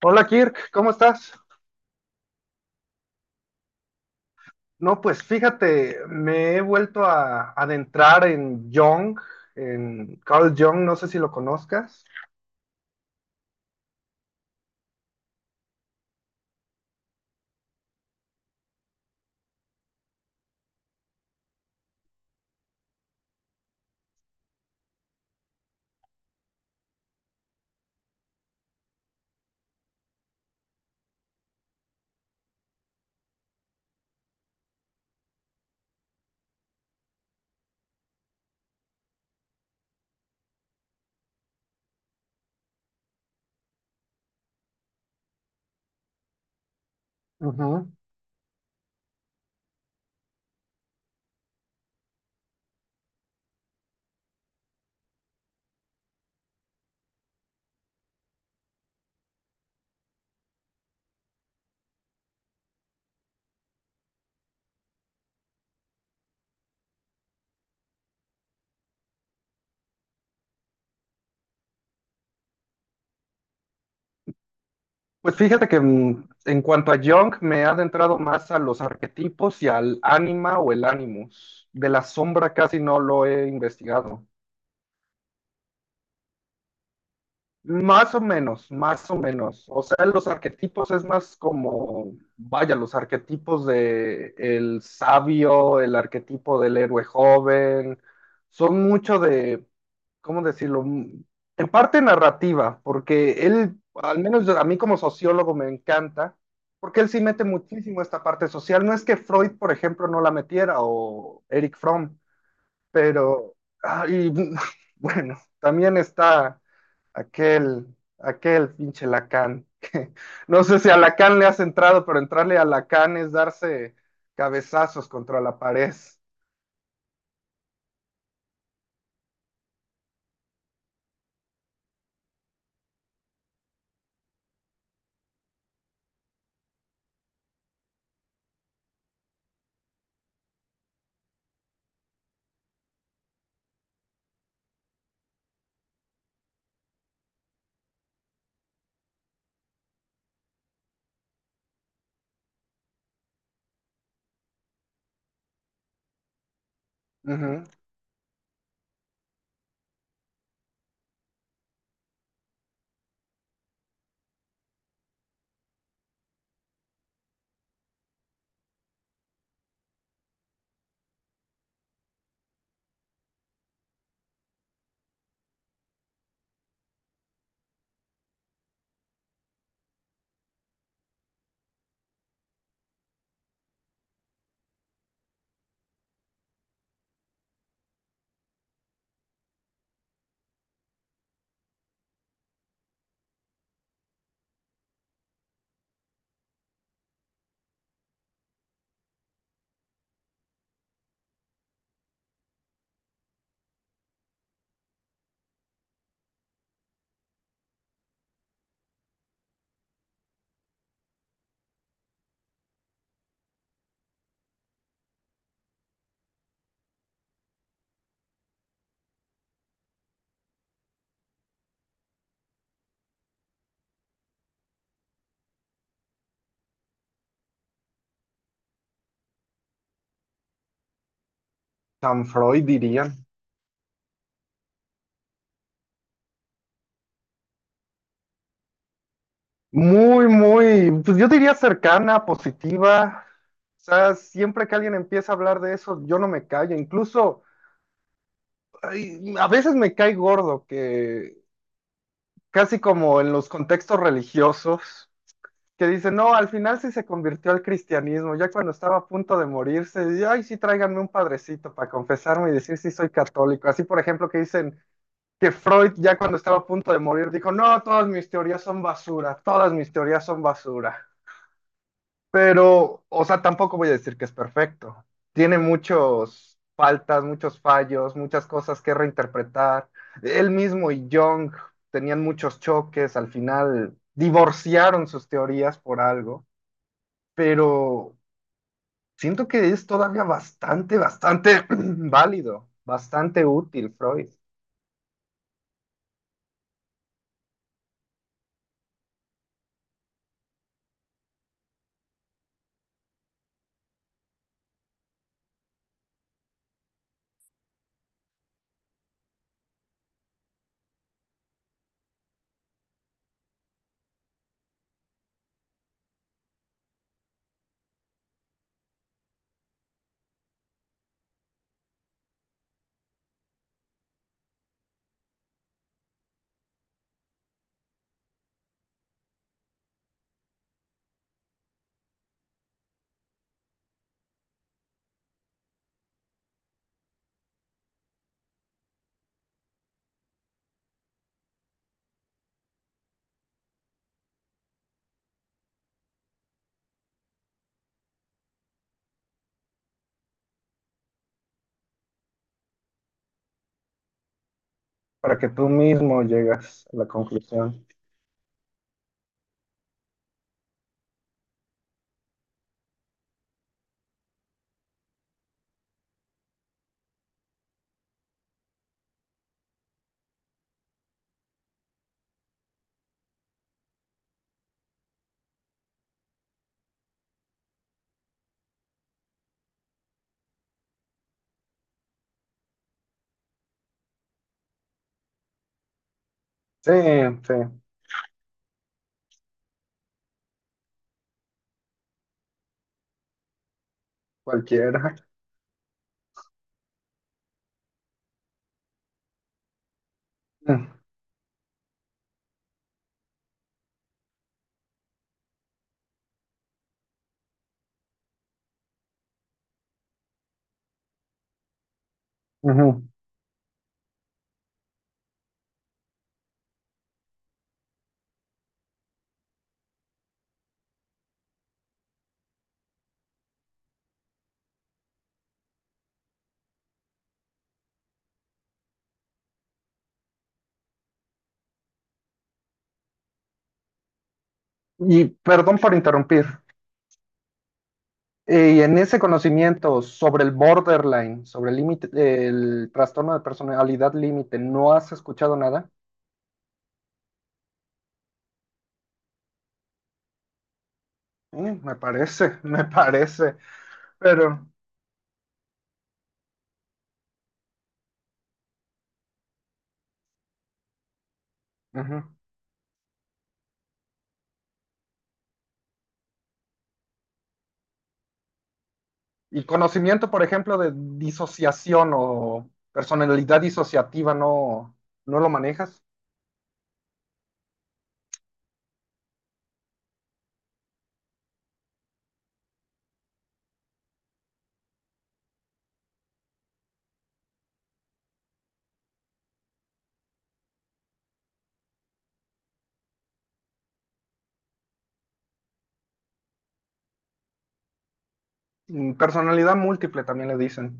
Hola Kirk, ¿cómo estás? No, pues fíjate, me he vuelto a adentrar en Jung, en Carl Jung, no sé si lo conozcas. Ujú. Pues fíjate que en cuanto a Jung, me he adentrado más a los arquetipos y al ánima o el animus. De la sombra casi no lo he investigado. Más o menos, más o menos. O sea, los arquetipos es más como, vaya, los arquetipos de el sabio, el arquetipo del héroe joven, son mucho de, ¿cómo decirlo? En parte narrativa, porque él, al menos a mí como sociólogo me encanta, porque él sí mete muchísimo esta parte social. No es que Freud, por ejemplo, no la metiera o Eric Fromm, pero, ay, bueno, también está Aquel, aquel pinche Lacan. No sé si a Lacan le has entrado, pero entrarle a Lacan es darse cabezazos contra la pared. Ujú. San Freud dirían. Muy, muy, pues yo diría cercana, positiva. O sea, siempre que alguien empieza a hablar de eso, yo no me callo. Incluso, ay, a veces me cae gordo que casi como en los contextos religiosos. Que dice, no, al final sí se convirtió al cristianismo, ya cuando estaba a punto de morirse, y, ay, sí, tráiganme un padrecito para confesarme y decir si soy católico. Así, por ejemplo, que dicen que Freud, ya cuando estaba a punto de morir, dijo, no, todas mis teorías son basura, todas mis teorías son basura. Pero, o sea, tampoco voy a decir que es perfecto. Tiene muchos faltas, muchos fallos, muchas cosas que reinterpretar. Él mismo y Jung tenían muchos choques, al final divorciaron sus teorías por algo, pero siento que es todavía bastante, bastante válido, bastante útil, Freud, para que tú mismo llegas a la conclusión. Sí, sí, cualquiera. Mm. Ujú. Y perdón por interrumpir. Y en ese conocimiento sobre el borderline, sobre el límite, el trastorno de personalidad límite, ¿no has escuchado nada? Mm, me parece, me parece, pero ujú. Y conocimiento, por ejemplo, de disociación o personalidad disociativa, ¿no, no lo manejas? Personalidad múltiple también le dicen.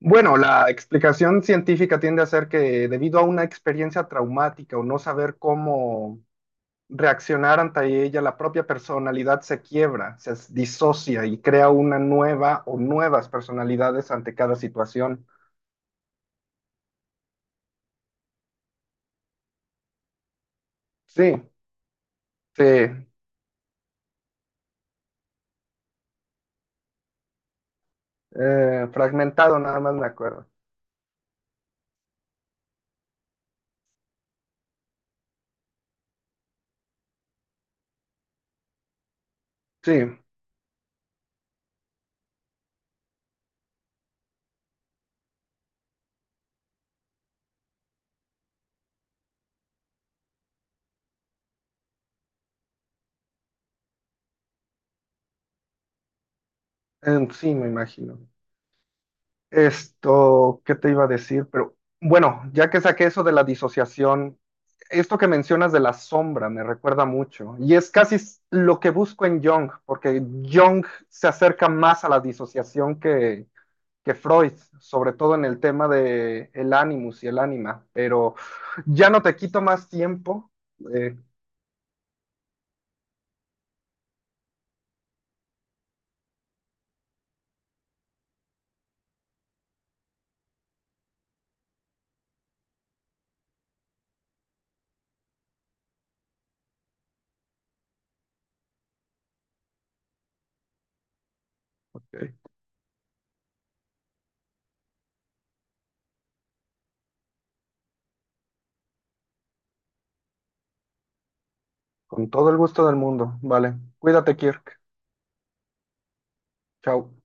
Bueno, la explicación científica tiende a ser que debido a una experiencia traumática o no saber cómo reaccionar ante ella, la propia personalidad se quiebra, disocia y crea una nueva o nuevas personalidades ante cada situación. Sí, sí, fragmentado nada más me acuerdo. Sí. Sí, me imagino. Esto, ¿qué te iba a decir? Pero bueno, ya que saqué eso de la disociación, esto que mencionas de la sombra me recuerda mucho. Y es lo que busco en Jung, porque Jung se acerca más a la disociación que Freud, sobre todo en el tema de el animus y el ánima. Pero ya no te quito más tiempo. Eh, ok. Con todo el gusto del mundo. Vale. Cuídate, Kirk. Chao.